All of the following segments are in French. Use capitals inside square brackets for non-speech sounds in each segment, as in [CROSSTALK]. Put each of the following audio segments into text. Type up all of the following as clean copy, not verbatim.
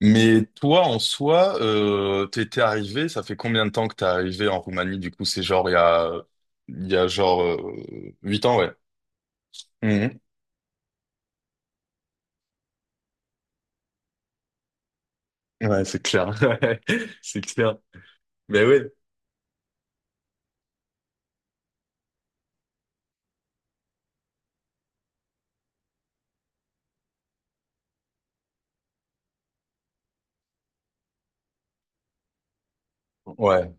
Mais toi, en soi, t'étais arrivé, ça fait combien de temps que t'es arrivé en Roumanie? Du coup, c'est genre il y a genre 8 ans, ouais. Mhm. Ouais, c'est clair. [LAUGHS] Ouais, c'est clair. Mais oui. Ouais,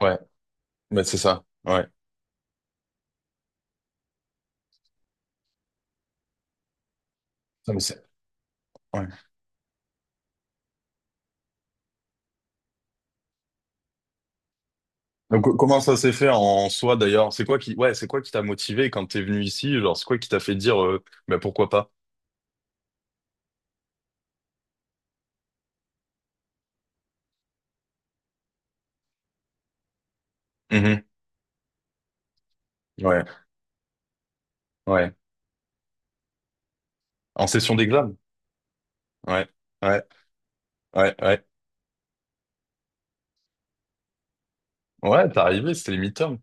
ouais. Mais c'est ça. Ouais. Ça, mais ouais. Donc, comment ça s'est fait en soi, d'ailleurs? Ouais, c'est quoi qui t'a motivé quand t'es venu ici? Genre, c'est quoi qui t'a fait dire, bah, pourquoi pas? Mhm. Ouais, ouais. En session d'examen? Ouais, ouais, ouais, ouais. Ouais, t'es arrivé, c'était les midterms.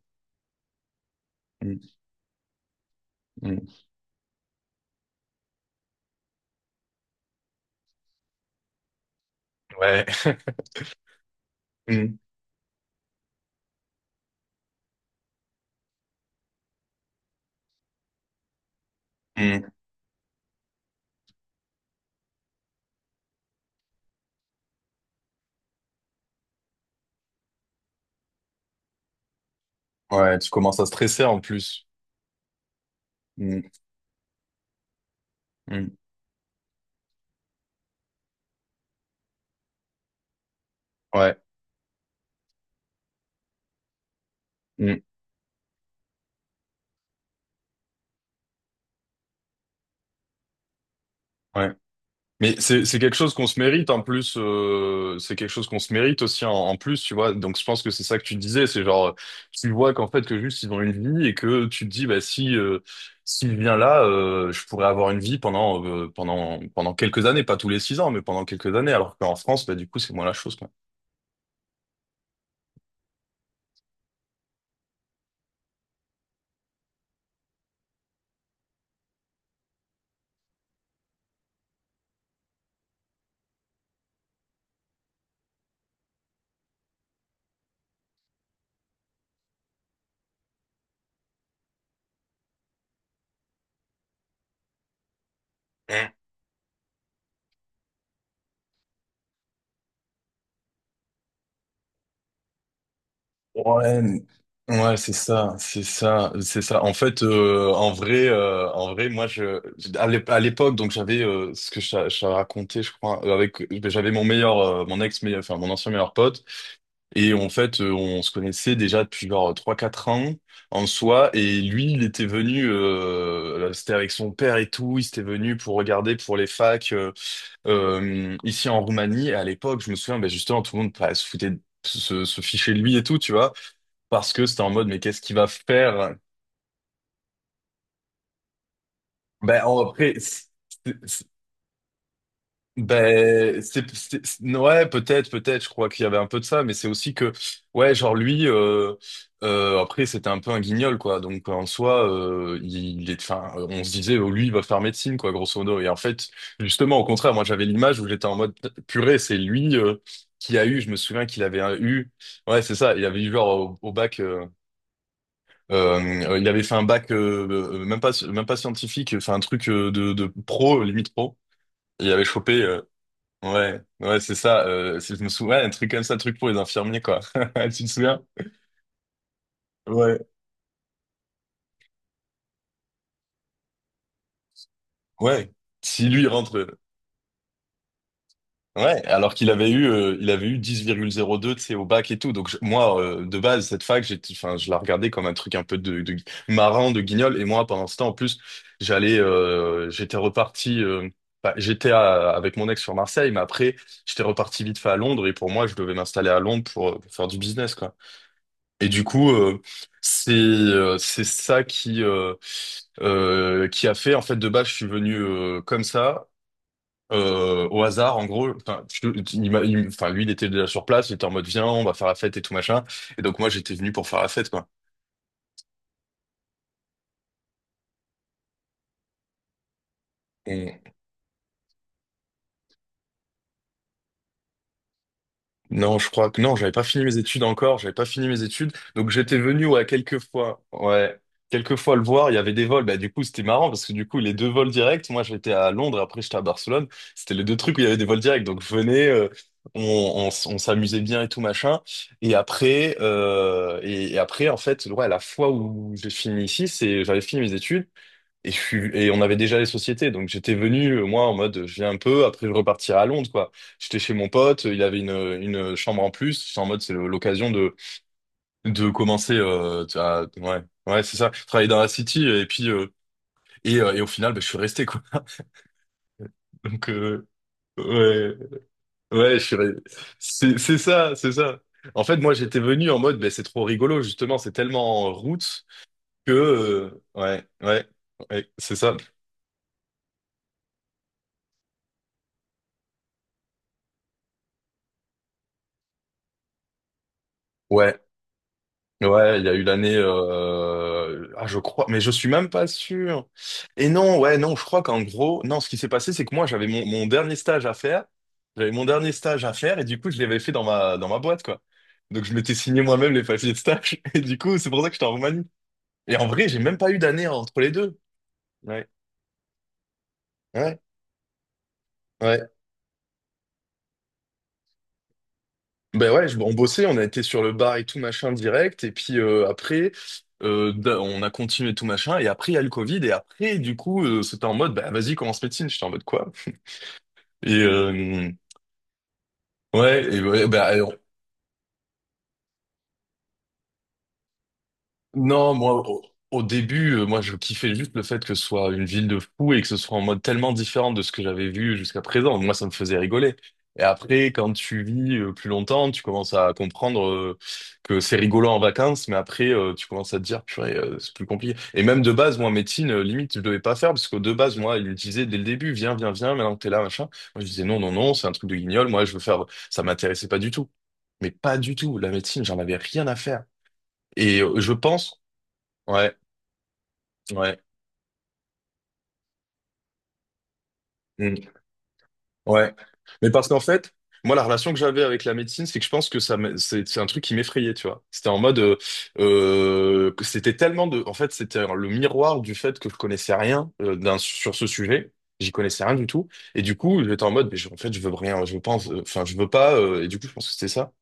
Ouais. [LAUGHS] Mm, mm. Ouais, tu commences à stresser en plus. Mm, mm. Ouais. Mm, ouais. Mais c'est quelque chose qu'on se mérite en plus. C'est quelque chose qu'on se mérite aussi en plus, tu vois. Donc je pense que c'est ça que tu disais, c'est genre tu vois qu'en fait que juste ils ont une vie et que tu te dis bah si s'il vient là, je pourrais avoir une vie pendant pendant quelques années, pas tous les 6 ans, mais pendant quelques années. Alors qu'en France, bah du coup c'est moins la chose quoi. Ouais, ouais, c'est ça, c'est ça, c'est ça. En fait, en vrai, moi, je, à l'époque, donc j'avais ce que je, je t'avais raconté, je crois, avec, j'avais mon meilleur, mon ex, enfin mon ancien meilleur pote, et en fait, on se connaissait déjà depuis genre 3 4 ans en soi, et lui, il était venu, c'était avec son père et tout, il s'était venu pour regarder pour les facs ici en Roumanie. Et à l'époque, je me souviens, ben justement, tout le monde bah, se foutait, se fichait de lui et tout, tu vois. Parce que c'était en mode, mais qu'est-ce qu'il va faire? Après, c'est- ben, ouais, peut-être, peut-être, je crois qu'il y avait un peu de ça, mais c'est aussi que, ouais, genre lui, après, c'était un peu un guignol, quoi. Donc, en soi, il est, enfin, on se disait, oh, lui, il va faire médecine, quoi, grosso modo. Et en fait, justement, au contraire, moi, j'avais l'image où j'étais en mode, purée, c'est lui, qui a eu, je me souviens qu'il avait eu, ouais, c'est ça, il avait eu genre au bac, il avait fait un bac même pas scientifique, enfin un truc de pro limite pro. Il avait chopé ouais ouais c'est ça. Si je me souviens, ouais, un truc comme ça, un truc pour les infirmiers quoi. [LAUGHS] Tu te souviens? Ouais ouais. Si lui il rentre. Ouais, alors qu'il avait eu, il avait eu 10,02 tu sais, au bac et tout. Donc moi, de base, cette fac, j'étais, enfin, je la regardais comme un truc un peu de, marrant, de guignol. Et moi, pendant ce temps, en plus, j'allais, j'étais reparti, bah, avec mon ex sur Marseille, mais après, j'étais reparti vite fait à Londres. Et pour moi, je devais m'installer à Londres pour faire du business, quoi. Et du coup, c'est ça qui a fait, en fait, de base, je suis venu comme ça au hasard, en gros, enfin, enfin, lui, il était déjà sur place, il était en mode, viens, on va faire la fête et tout machin. Et donc, moi, j'étais venu pour faire la fête, quoi. Non, je crois que non, j'avais pas fini mes études encore, j'avais pas fini mes études. Donc j'étais venu ouais, quelques fois le voir, il y avait des vols. Bah du coup, c'était marrant parce que du coup, les deux vols directs, moi j'étais à Londres, après j'étais à Barcelone, c'était les deux trucs où il y avait des vols directs. Donc je venais, on, on s'amusait bien et tout machin. Et après en fait, ouais, la fois où j'ai fini ici, c'est j'avais fini mes études et, et on avait déjà les sociétés, donc j'étais venu, moi, en mode, je viens un peu, après je repartirai à Londres, quoi. J'étais chez mon pote, il avait une chambre en plus, j'étais en mode, l'occasion de, commencer, tu ouais, ouais, c'est ça, travailler dans la city, et puis, et au final, bah, je suis resté, quoi. [LAUGHS] Donc, ouais, ouais, c'est, c'est ça. En fait, moi, j'étais venu en mode, bah, c'est trop rigolo, justement, c'est tellement en route que, ouais, ouais, ouais, c'est ça. Ouais. Ouais, il y a eu l'année, ah, je crois, mais je suis même pas sûr. Et non, ouais, non, je crois qu'en gros, non, ce qui s'est passé, c'est que moi, j'avais mon dernier stage à faire. J'avais mon dernier stage à faire et du coup, je l'avais fait dans ma boîte, quoi. Donc, je m'étais signé moi-même les papiers de stage [LAUGHS] et du coup, c'est pour ça que j'étais en Roumanie. Et en vrai, j'ai même pas eu d'année entre les deux. Ouais. Ouais. Ouais. Ben ouais, on bossait, on a été sur le bar et tout machin direct, et puis après, on a continué tout machin, et après il y a le Covid, et après du coup c'était en mode, bah vas-y commence médecine, j'étais en mode quoi? Et ouais, et ouais, bah, non, moi, au début, moi, je kiffais juste le fait que ce soit une ville de fous et que ce soit en mode tellement différent de ce que j'avais vu jusqu'à présent. Moi, ça me faisait rigoler. Et après, quand tu vis plus longtemps, tu commences à comprendre que c'est rigolo en vacances, mais après, tu commences à te dire, purée, c'est plus compliqué. Et même de base, moi, en médecine, limite, je devais pas faire, parce que de base, moi, il me disait dès le début, viens, viens, viens, maintenant que t'es là, machin. Moi, je disais, non, non, non, c'est un truc de guignol, moi, je veux faire, ça m'intéressait pas du tout. Mais pas du tout. La médecine, j'en avais rien à faire. Et je pense, ouais, ouais, mm, ouais. Mais parce qu'en fait, moi, la relation que j'avais avec la médecine, c'est que je pense que ça, c'est un truc qui m'effrayait, tu vois. C'était en mode, que c'était tellement de, en fait, c'était le miroir du fait que je connaissais rien sur ce sujet. J'y connaissais rien du tout. Et du coup, j'étais en mode, mais en fait, je veux rien, je veux pas, enfin, je veux pas. Et du coup, je pense que c'était ça.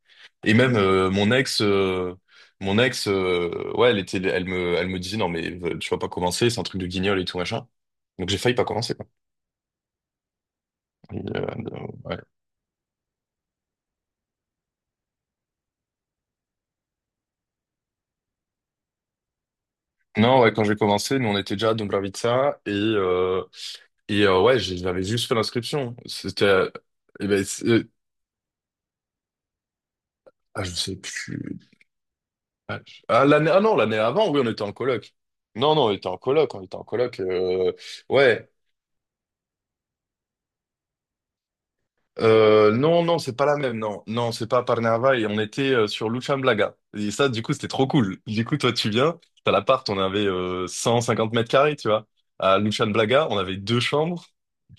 Et même mon ex, ouais, elle était, elle me disait, non, mais tu vas pas commencer, c'est un truc de guignol et tout machin. Donc j'ai failli pas commencer. Et, ouais. Non, ouais, quand j'ai commencé, nous on était déjà à Dobrovica et ouais, j'avais juste fait l'inscription. C'était eh ben, ah je sais plus. Ah, l'année ah non, l'année avant, oui, on était en coloc. Non, non, on était en coloc, on était en coloc. Ouais, non, non, c'est pas la même, non. Non, c'est pas à Parnava et on était sur Luchamblaga. Et ça, du coup, c'était trop cool. Du coup, toi, tu viens, t'as l'appart, on avait 150 mètres carrés, tu vois. À Luchamlaga, on avait deux chambres,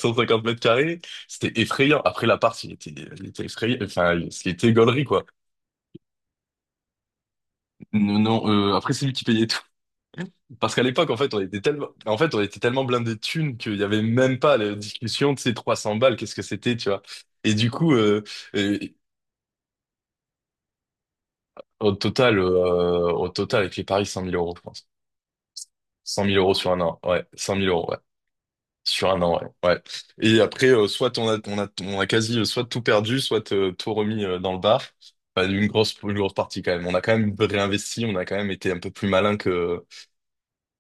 150 mètres carrés. C'était effrayant. Après, l'appart, il était effrayant. Enfin, il était gaulerie, quoi. Non, non, après, c'est lui qui payait tout. Parce qu'à l'époque, en fait, en fait, on était tellement blindés de thunes qu'il y avait même pas la discussion de ces 300 balles, qu'est-ce que c'était, tu vois. Et du coup, euh, au total, au total, avec les paris, 100 000 euros, je pense. 100 000 euros sur 1 an, ouais. 100 000 euros, ouais. Sur un an, ouais. Ouais. Et après, soit on a, on a quasi, soit tout perdu, soit tout remis dans le bar. Enfin, une grosse partie quand même. On a quand même réinvesti, on a quand même été un peu plus malin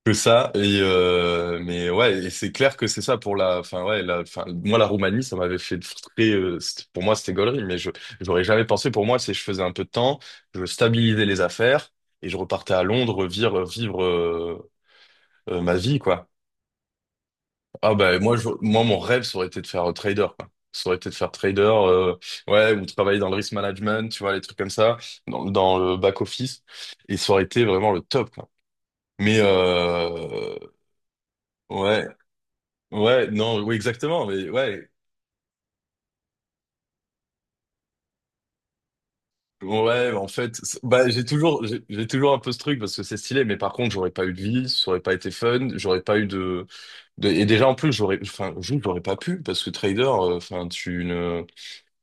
que ça et mais ouais et c'est clair que c'est ça pour la enfin ouais la enfin moi la Roumanie ça m'avait fait très pour moi c'était gaulerie mais je j'aurais jamais pensé pour moi c'est je faisais un peu de temps je stabilisais les affaires et je repartais à Londres vivre ma vie quoi ah bah moi je, moi mon rêve ça aurait été de faire trader quoi ça aurait été de faire trader ouais ou travailler dans le risk management tu vois les trucs comme ça dans le back office et ça aurait été vraiment le top quoi mais ouais ouais, non, oui, exactement. Mais ouais, ouais, en fait, bah, j'ai toujours un peu ce truc parce que c'est stylé, mais par contre, j'aurais pas eu de vie, ça aurait pas été fun, j'aurais pas eu de, et déjà, en plus, j'aurais, enfin, je j'aurais pas pu parce que trader, enfin, tu ne,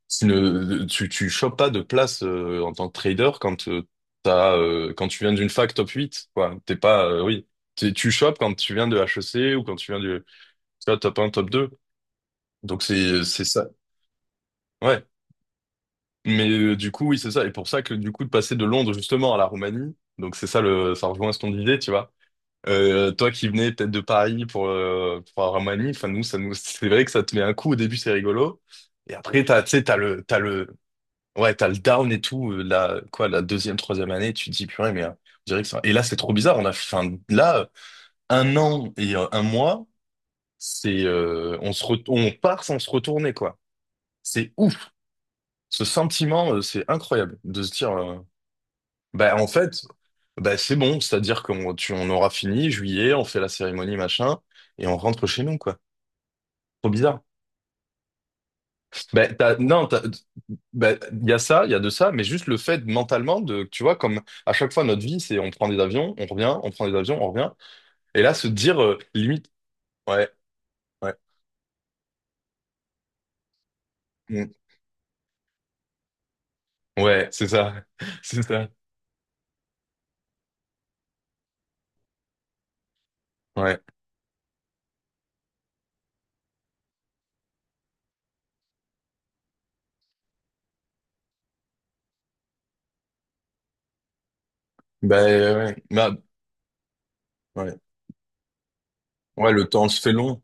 tu ne, tu chopes pas de place, en tant que trader quand, t'as, quand tu viens d'une fac top 8 quoi. T'es pas, oui, tu chopes quand tu viens de HEC ou quand tu viens du, tu vois, top un top 2 donc, c'est ça. Ouais. Mais du coup, oui, c'est ça. Et pour ça que du coup, de passer de Londres justement à la Roumanie, donc c'est ça le, ça rejoint ce qu'on disait, tu vois. Toi qui venais peut-être de Paris pour la Roumanie, enfin nous, ça nous, [LAUGHS] c'est vrai que ça te met un coup au début, c'est rigolo. Et après, t'as, tu sais, t'as le, ouais, t'as le down et tout. La deuxième, troisième année, tu te dis purée, mais on dirait que ça. Et là, c'est trop bizarre. On a, enfin, là, 1 an et 1 mois, c'est, on part sans se retourner, quoi. C'est ouf. Ce sentiment, c'est incroyable de se dire. Bah, en fait, bah, c'est bon, c'est-à-dire on aura fini, juillet, on fait la cérémonie, machin, et on rentre chez nous, quoi. Trop bizarre. Bah, t'as- non, t'as- bah, il y a ça, il y a de ça, mais juste le fait mentalement de, tu vois, comme à chaque fois notre vie, c'est on prend des avions, on revient, on prend des avions, on revient, et là, se dire, limite, ouais, ouais, mm, ouais, c'est ça, [LAUGHS] c'est ça, ouais. Bah, ouais, bah, ouais, ouais, le temps se fait long.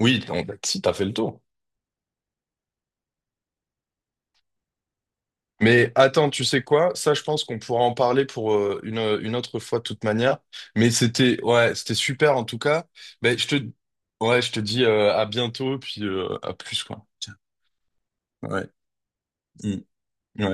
Oui, si, t'as fait le tour. Mais attends, tu sais quoi? Ça, je pense qu'on pourra en parler pour une autre fois de toute manière. Mais c'était ouais, c'était super en tout cas. Ben, je te ouais, je te dis à bientôt puis à plus quoi. Ouais. Mm.